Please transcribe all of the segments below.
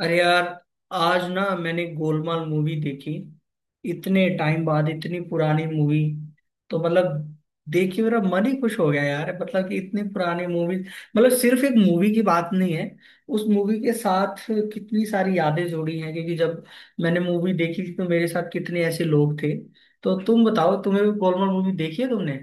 अरे यार, आज ना मैंने गोलमाल मूवी देखी। इतने टाइम बाद इतनी पुरानी मूवी, तो मतलब देख के मेरा मन ही खुश हो गया यार। मतलब कि इतनी पुरानी मूवी, मतलब सिर्फ एक मूवी की बात नहीं है। उस मूवी के साथ कितनी सारी यादें जुड़ी हैं, क्योंकि जब मैंने मूवी देखी तो मेरे साथ कितने ऐसे लोग थे। तो तुम बताओ, तुम्हें गोलमाल मूवी देखी है तुमने?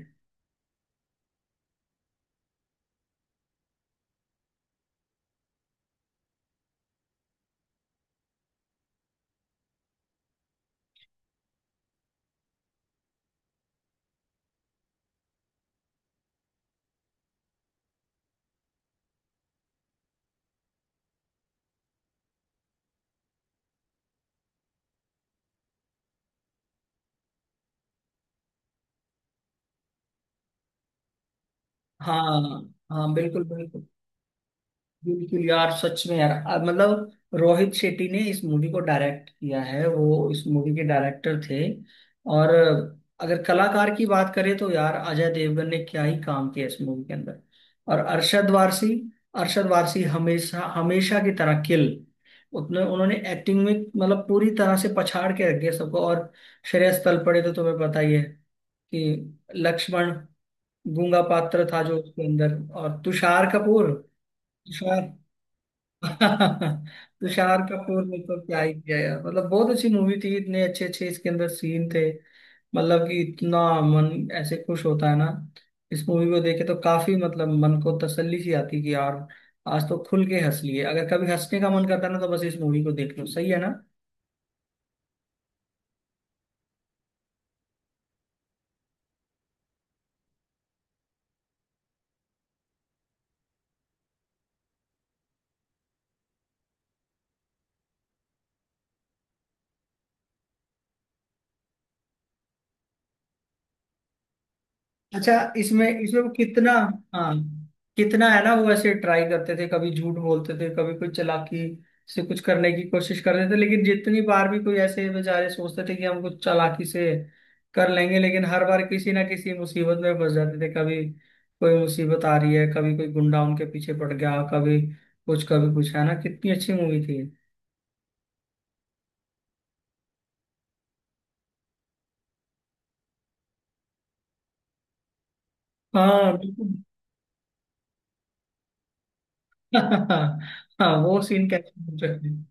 हाँ, हाँ, बिल्कुल बिल्कुल। बिल्कुल यार, सच में यार, मतलब रोहित शेट्टी ने इस मूवी को डायरेक्ट किया है, वो इस मूवी के डायरेक्टर थे। और अगर कलाकार की बात करें तो यार, अजय देवगन ने क्या ही काम किया इस मूवी के अंदर। और अरशद वारसी, अरशद वारसी हमेशा हमेशा की तरह किल, उतने उन्होंने एक्टिंग में मतलब पूरी तरह से पछाड़ के रख दिया सबको। और श्रेयस तलपड़े तो तुम्हें पता ही है कि लक्ष्मण गूंगा पात्र था जो उसके अंदर। और तुषार कपूर, तुषार। तुषार कपूर ने तो क्या ही किया यार, मतलब बहुत अच्छी मूवी थी। इतने अच्छे अच्छे इसके अंदर सीन थे, मतलब कि इतना मन ऐसे खुश होता है ना। इस मूवी को देखे तो काफी मतलब मन को तसल्ली सी आती कि यार, आज तो खुल के हंस लिए। अगर कभी हंसने का मन करता है ना, तो बस इस मूवी को देख लो, सही है। अच्छा, इसमें इसमें वो कितना, हाँ कितना है ना। वो ऐसे ट्राई करते थे, कभी झूठ बोलते थे, कभी कोई चालाकी से कुछ करने की कोशिश करते थे, लेकिन जितनी बार भी कोई ऐसे बेचारे सोचते थे कि हम कुछ चालाकी से कर लेंगे, लेकिन हर बार किसी ना किसी मुसीबत में फंस जाते थे। कभी कोई मुसीबत आ रही है, कभी कोई गुंडा उनके पीछे पड़ गया, कभी कुछ कभी कुछ, है ना? कितनी अच्छी मूवी थी। हाँ, बिल्कुल। हाँ, वो सीन कैसे भूल सकते हैं।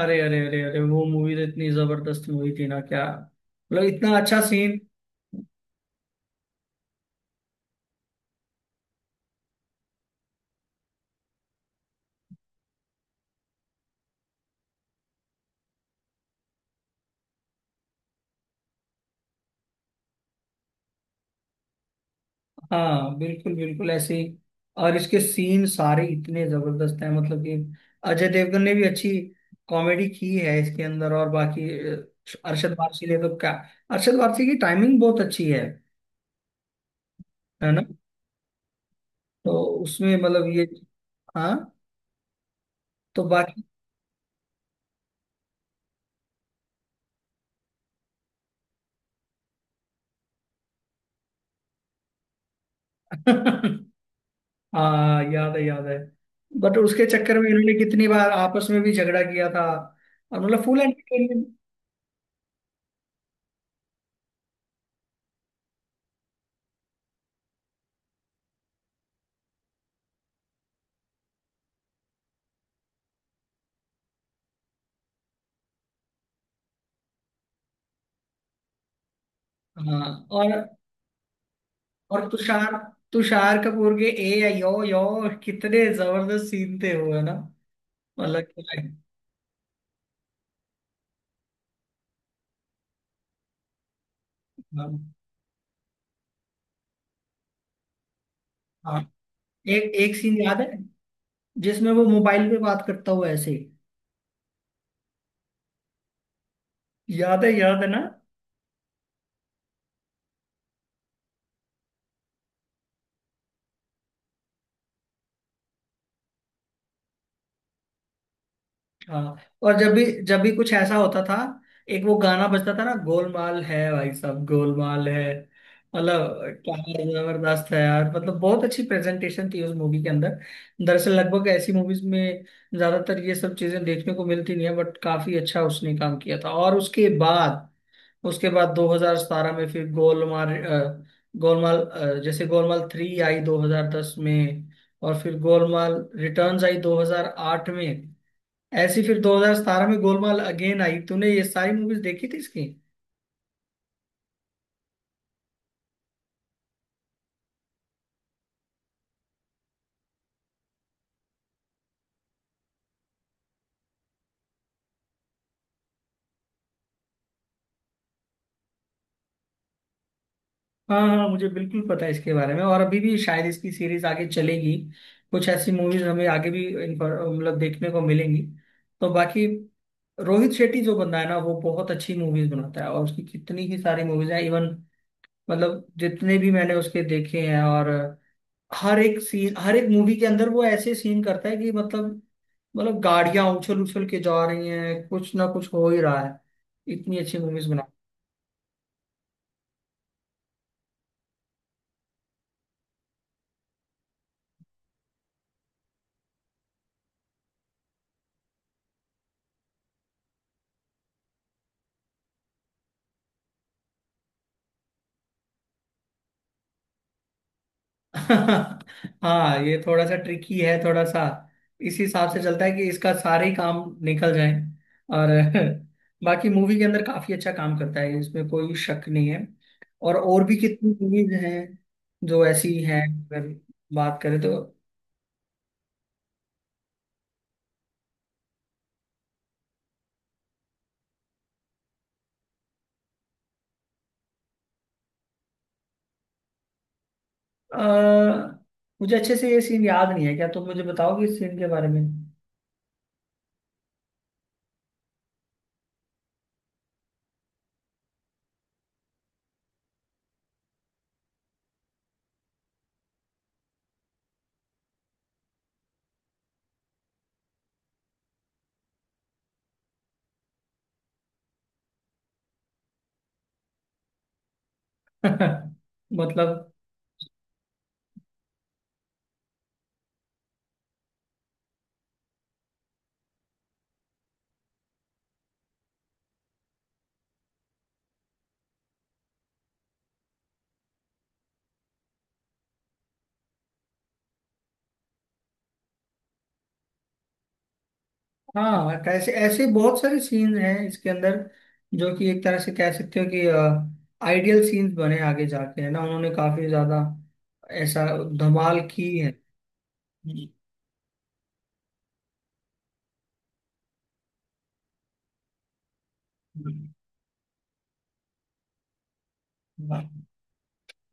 अरे अरे अरे अरे, वो मूवी तो इतनी जबरदस्त मूवी थी ना, क्या मतलब, इतना अच्छा सीन। हाँ, बिल्कुल बिल्कुल, ऐसे ही। और इसके सीन सारे इतने जबरदस्त हैं, मतलब कि अजय देवगन ने भी अच्छी कॉमेडी की है इसके अंदर। और बाकी अरशद वारसी ने तो क्या, अरशद वारसी की टाइमिंग बहुत अच्छी है ना। तो उसमें मतलब ये, हाँ तो बाकी। हाँ, याद है याद है। बट उसके चक्कर में इन्होंने कितनी बार आपस में भी झगड़ा किया था। और मतलब फुल एंटरटेनमेंट। हाँ, और तुषार, तुषार कपूर के ए या यो यो, कितने जबरदस्त सीन थे वो, है ना। मतलब कि-, हाँ, हाँ। एक एक सीन याद है, जिसमें वो मोबाइल पे बात करता हुआ ऐसे, याद है ना। हाँ, और जब भी कुछ ऐसा होता था, एक वो गाना बजता था ना, गोलमाल है भाई साहब, गोलमाल है। मतलब क्या जबरदस्त है यार, मतलब बहुत अच्छी प्रेजेंटेशन थी उस मूवी के अंदर। दरअसल लगभग ऐसी मूवीज में ज्यादातर ये सब चीजें देखने को मिलती नहीं है, बट काफी अच्छा उसने काम किया था। और उसके बाद, उसके बाद 2017 में फिर गोलमाल गोलमाल जैसे गोलमाल थ्री आई 2010 में, और फिर गोलमाल रिटर्न्स आई 2008 में। ऐसी फिर 2017 में गोलमाल अगेन आई। तूने ये सारी मूवीज देखी थी इसकी? हाँ, हाँ मुझे बिल्कुल पता है इसके बारे में। और अभी भी शायद इसकी सीरीज आगे चलेगी, कुछ ऐसी मूवीज हमें आगे भी मतलब देखने को मिलेंगी। तो बाकी रोहित शेट्टी जो बंदा है ना, वो बहुत अच्छी मूवीज बनाता है। और उसकी कितनी ही सारी मूवीज हैं, इवन मतलब जितने भी मैंने उसके देखे हैं। और हर एक सीन, हर एक मूवी के अंदर वो ऐसे सीन करता है कि मतलब, मतलब गाड़ियां उछल उछल के जा रही हैं, कुछ ना कुछ हो ही रहा है, इतनी अच्छी मूवीज बना। हाँ, ये थोड़ा सा ट्रिकी है, थोड़ा सा इस हिसाब से चलता है कि इसका सारे ही काम निकल जाए। और बाकी मूवी के अंदर काफी अच्छा काम करता है, इसमें कोई शक नहीं है। और भी कितनी मूवीज हैं जो ऐसी हैं, अगर बात करें तो। अ, मुझे अच्छे से ये सीन याद नहीं है, क्या तुम मुझे बताओगे इस सीन के बारे में? मतलब, हाँ कैसे ऐसे बहुत सारे सीन हैं इसके अंदर जो कि एक तरह से कह सकते हो कि आइडियल सीन्स बने आगे जाके, है ना। उन्होंने काफी ज्यादा ऐसा धमाल की है।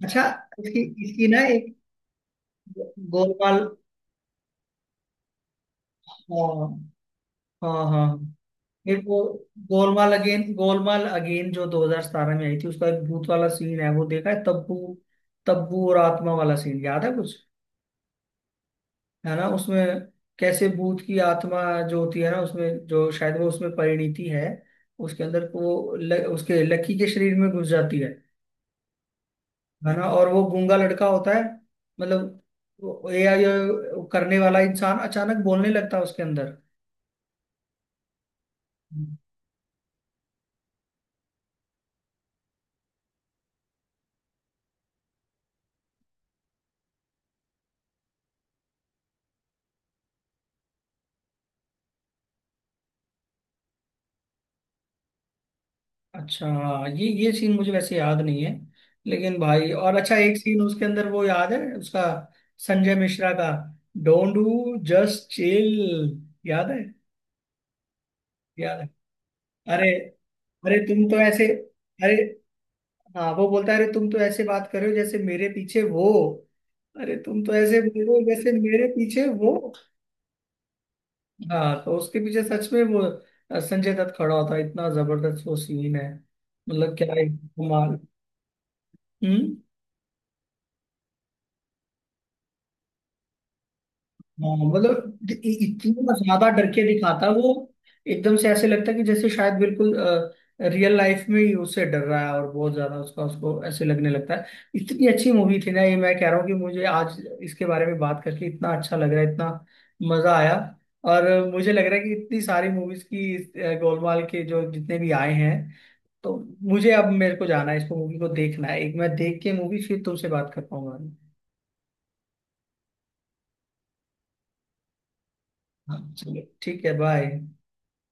अच्छा, इसकी इसकी ना एक गोलमाल, हाँ हाँ हाँ। ये वो गोलमाल अगेन, गोलमाल अगेन जो 2017 में आई थी, उसका एक भूत वाला सीन है वो देखा है, तब्बू, तब्बू और आत्मा वाला सीन याद है कुछ, है ना? उसमें कैसे भूत की आत्मा जो होती है ना, उसमें जो शायद वो, उसमें परिणीति है उसके अंदर। वो उसके लकी के शरीर में घुस जाती है ना। और वो गूंगा लड़का होता है, मतलब एआई करने वाला इंसान अचानक बोलने लगता है उसके अंदर। अच्छा हाँ, ये सीन मुझे वैसे याद नहीं है, लेकिन भाई, और अच्छा एक सीन उसके अंदर वो याद है उसका, संजय मिश्रा का, डोंट डू जस्ट चिल, याद है? याद है, अरे, अरे तुम तो ऐसे, अरे। हाँ, वो बोलता है अरे तुम तो ऐसे बात कर रहे हो जैसे मेरे पीछे वो, अरे तुम तो ऐसे बोल रहे हो जैसे मेरे पीछे वो। हाँ, तो उसके पीछे सच में वो संजय दत्त खड़ा होता है। इतना जबरदस्त वो सीन है, मतलब क्या है कमाल। हम्म। हाँ मतलब इतना ज्यादा डर के दिखाता है वो, एकदम से ऐसे लगता है कि जैसे शायद बिल्कुल रियल लाइफ में ही उससे डर रहा है। और बहुत ज्यादा उसका, उसको ऐसे लगने लगता है। इतनी अच्छी मूवी थी ना ये, मैं कह रहा हूँ कि मुझे आज इसके बारे में बात करके इतना अच्छा लग रहा है, इतना मजा आया। और मुझे लग रहा है कि इतनी सारी मूवीज की गोलमाल के जो जितने भी आए हैं, तो मुझे अब, मेरे को जाना है, इसको मूवी को देखना है एक। मैं देख के मूवी फिर तुमसे बात कर पाऊंगा। हाँ चलो, ठीक है, बाय।